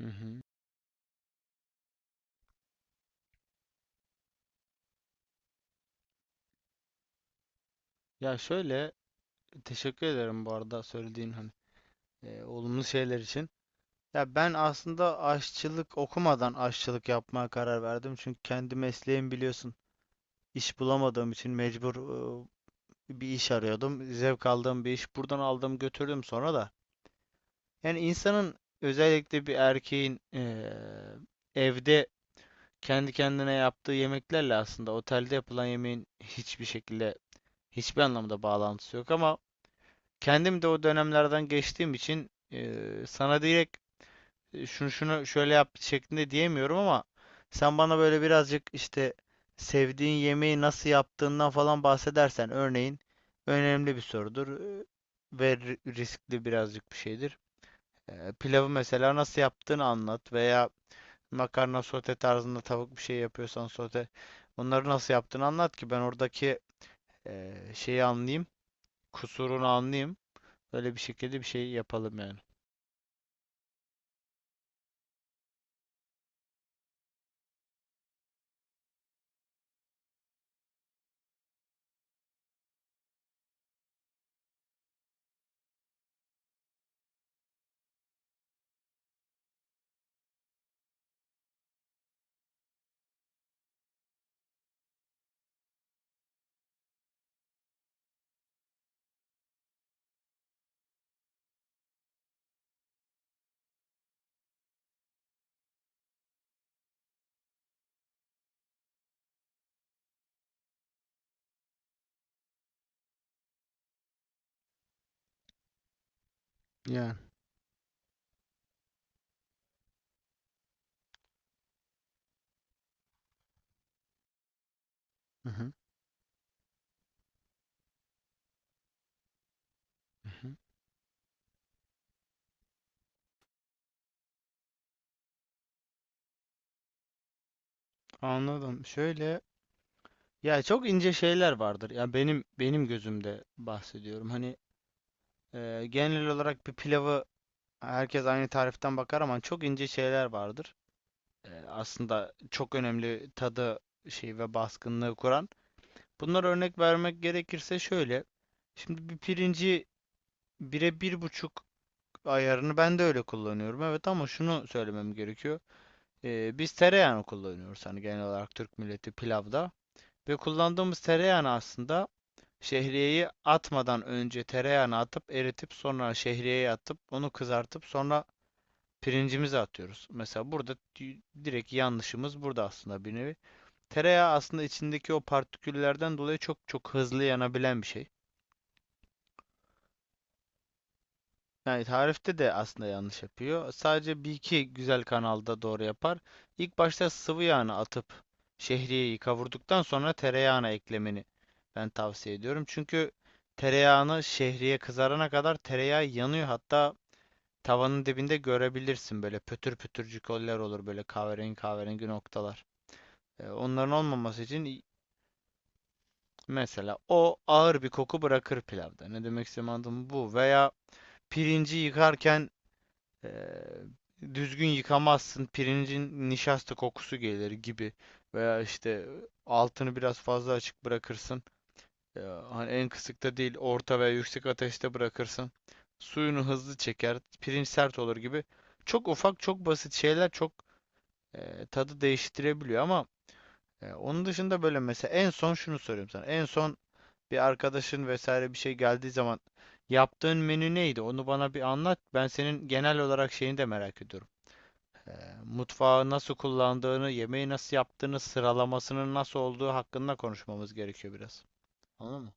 Hı hı. Ya şöyle, teşekkür ederim bu arada söylediğin hani olumlu şeyler için. Ya ben aslında aşçılık okumadan aşçılık yapmaya karar verdim. Çünkü kendi mesleğim biliyorsun, iş bulamadığım için mecbur bir iş arıyordum. Zevk aldığım bir iş, buradan aldım götürdüm sonra da. Yani insanın, özellikle bir erkeğin evde kendi kendine yaptığı yemeklerle aslında otelde yapılan yemeğin hiçbir şekilde, hiçbir anlamda bağlantısı yok. Ama kendim de o dönemlerden geçtiğim için sana direkt şunu şunu şöyle yap şeklinde diyemiyorum. Ama sen bana böyle birazcık işte sevdiğin yemeği nasıl yaptığından falan bahsedersen, örneğin, önemli bir sorudur e, ve riskli birazcık bir şeydir. Pilavı mesela nasıl yaptığını anlat, veya makarna sote tarzında, tavuk bir şey yapıyorsan sote, onları nasıl yaptığını anlat ki ben oradaki şeyi anlayayım, kusurunu anlayayım. Böyle bir şekilde bir şey yapalım yani. Yani. Hı hı. Hı hı. Anladım. Şöyle, ya çok ince şeyler vardır. Ya benim gözümde bahsediyorum. Hani genel olarak bir pilavı herkes aynı tariften bakar, ama çok ince şeyler vardır. Aslında çok önemli tadı, şey ve baskınlığı kuran. Bunlara örnek vermek gerekirse şöyle. Şimdi bir pirinci, bire bir buçuk ayarını ben de öyle kullanıyorum. Evet, ama şunu söylemem gerekiyor. Biz tereyağını kullanıyoruz, hani genel olarak Türk milleti pilavda. Ve kullandığımız tereyağını aslında şehriyeyi atmadan önce tereyağını atıp eritip sonra şehriyeyi atıp onu kızartıp sonra pirincimizi atıyoruz. Mesela burada direkt yanlışımız burada aslında, bir nevi. Tereyağı aslında içindeki o partiküllerden dolayı çok çok hızlı yanabilen bir şey. Yani tarifte de aslında yanlış yapıyor. Sadece bir iki güzel kanalda doğru yapar. İlk başta sıvı yağını atıp şehriyeyi kavurduktan sonra tereyağına eklemeni ben tavsiye ediyorum. Çünkü tereyağını, şehriye kızarana kadar tereyağı yanıyor. Hatta tavanın dibinde görebilirsin, böyle pötür pötürcük olur, böyle kahverengi kahverengi noktalar. Onların olmaması için, mesela o ağır bir koku bırakır pilavda. Ne demek istediğimi anladın mı bu? Veya pirinci yıkarken Eee, düzgün yıkamazsın, pirincin nişasta kokusu gelir gibi. Veya işte altını biraz fazla açık bırakırsın. Eee, Hani en kısıkta değil, orta veya yüksek ateşte bırakırsın. Suyunu hızlı çeker, pirinç sert olur gibi. Çok ufak, çok basit şeyler çok tadı değiştirebiliyor. Ama onun dışında, böyle mesela, en son şunu soruyorum sana. En son bir arkadaşın vesaire bir şey geldiği zaman yaptığın menü neydi? Onu bana bir anlat. Ben senin genel olarak şeyini de merak ediyorum. Mutfağı nasıl kullandığını, yemeği nasıl yaptığını, sıralamasının nasıl olduğu hakkında konuşmamız gerekiyor biraz. Anladın mı?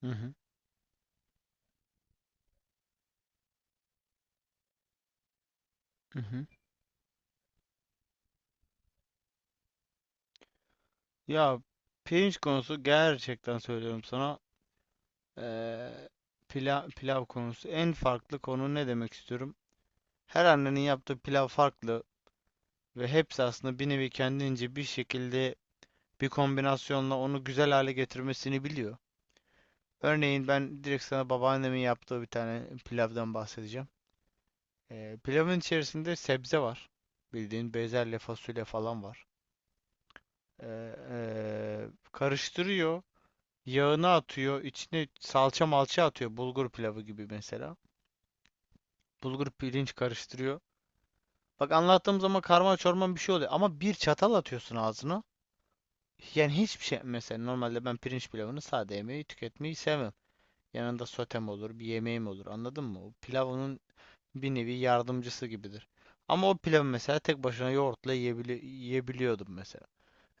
Hı hı. Hı hı. Ya pirinç konusu, gerçekten söylüyorum sana. eee, Pilav konusu. En farklı konu, ne demek istiyorum? Her annenin yaptığı pilav farklı ve hepsi aslında bir nevi kendince bir şekilde bir kombinasyonla onu güzel hale getirmesini biliyor. Örneğin ben direkt sana babaannemin yaptığı bir tane pilavdan bahsedeceğim. Pilavın içerisinde sebze var. Bildiğin bezelye, fasulye falan var. Karıştırıyor. Yağını atıyor, içine salça malça atıyor. Bulgur pilavı gibi mesela. Bulgur pirinç karıştırıyor. Bak, anlattığım zaman karma çorman bir şey oluyor. Ama bir çatal atıyorsun ağzına. Yani hiçbir şey. Mesela normalde ben pirinç pilavını sade, yemeği tüketmeyi sevmem. Yanında sotem olur, bir yemeğim olur. Anladın mı? O pilav onun bir nevi yardımcısı gibidir. Ama o pilavı mesela tek başına yoğurtla yiyebiliyordum mesela.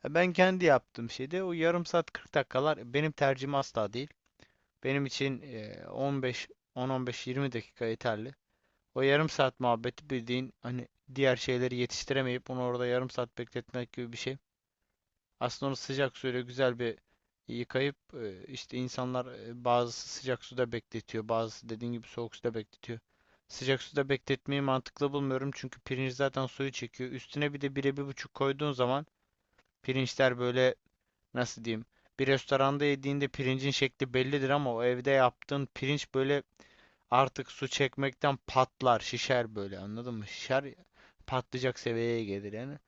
Ben kendi yaptığım şeyde o yarım saat, 40 dakikalar benim tercihim asla değil. Benim için 15, 10-15-20 dakika yeterli. O yarım saat muhabbeti bildiğin hani diğer şeyleri yetiştiremeyip onu orada yarım saat bekletmek gibi bir şey. Aslında onu sıcak suyla güzel bir yıkayıp işte insanlar bazısı sıcak suda bekletiyor, bazısı dediğin gibi soğuk suda bekletiyor. Sıcak suda bekletmeyi mantıklı bulmuyorum, çünkü pirinç zaten suyu çekiyor. Üstüne bir de bire bir buçuk koyduğun zaman pirinçler böyle, nasıl diyeyim? Bir restoranda yediğinde pirincin şekli bellidir, ama o evde yaptığın pirinç böyle artık su çekmekten patlar, şişer böyle, anladın mı? Şişer, patlayacak seviyeye gelir yani,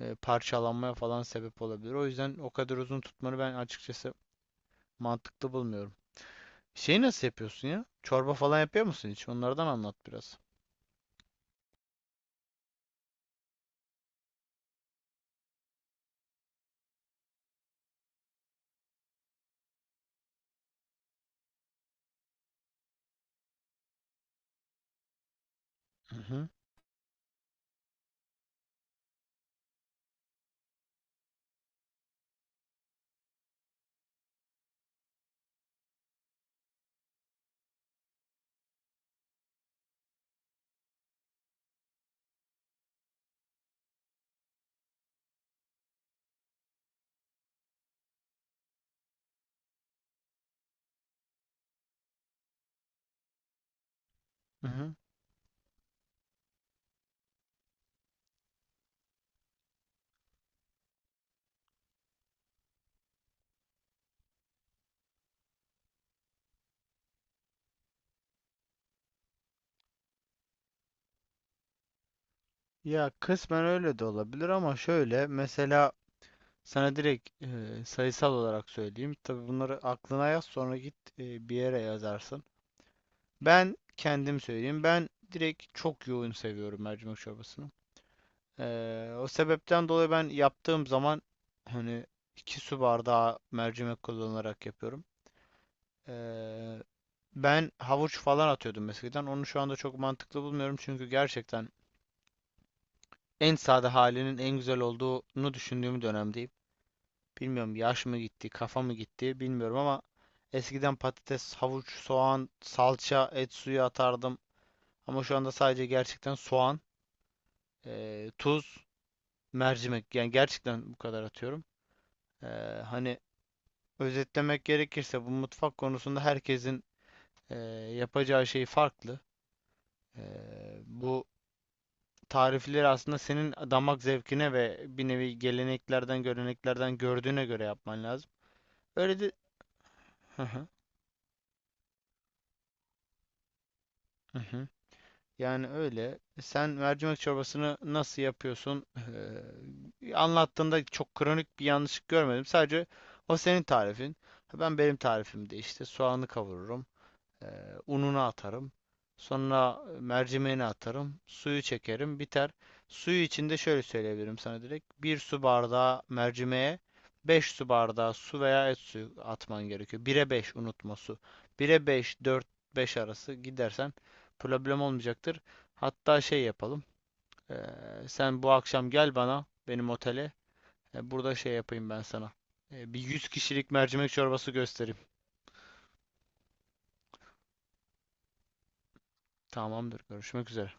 parçalanmaya falan sebep olabilir. O yüzden o kadar uzun tutmanı ben açıkçası mantıklı bulmuyorum. Şeyi nasıl yapıyorsun ya? Çorba falan yapıyor musun hiç? Onlardan anlat biraz. Hı hı, hı hı. Ya kısmen öyle de olabilir, ama şöyle mesela, sana direkt sayısal olarak söyleyeyim. Tabii bunları aklına yaz, sonra git bir yere yazarsın. Ben kendim söyleyeyim. Ben direkt çok yoğun seviyorum mercimek çorbasını. O sebepten dolayı ben yaptığım zaman, hani, iki su bardağı mercimek kullanarak yapıyorum. Ee, Ben havuç falan atıyordum eskiden. Onu şu anda çok mantıklı bulmuyorum, çünkü gerçekten en sade halinin en güzel olduğunu düşündüğüm dönemdeyim. Bilmiyorum, yaş mı gitti, kafa mı gitti bilmiyorum, ama eskiden patates, havuç, soğan, salça, et suyu atardım. Ama şu anda sadece gerçekten soğan, tuz, mercimek, yani gerçekten bu kadar atıyorum. Ee, Hani, özetlemek gerekirse, bu mutfak konusunda herkesin eee, yapacağı şey farklı. Bu tarifleri aslında senin damak zevkine ve bir nevi geleneklerden, göreneklerden gördüğüne göre yapman lazım. Öyle de... Hı hı, hı hı. Yani öyle. Sen mercimek çorbasını nasıl yapıyorsun? Anlattığında çok kronik bir yanlışlık görmedim. Sadece o senin tarifin. Ben benim tarifimde işte soğanı kavururum. Eee, Ununu atarım. Sonra mercimeğini atarım. Suyu çekerim. Biter. Suyu içinde şöyle söyleyebilirim sana direkt. Bir su bardağı mercimeğe 5 su bardağı su veya et suyu atman gerekiyor. Bire beş, unutma, su. Bire beş, 4 5 arası gidersen problem olmayacaktır. Hatta şey yapalım. Eee, Sen bu akşam gel bana, benim otele. E, burada şey yapayım ben sana. E, bir 100 kişilik mercimek çorbası göstereyim. Tamamdır. Görüşmek üzere.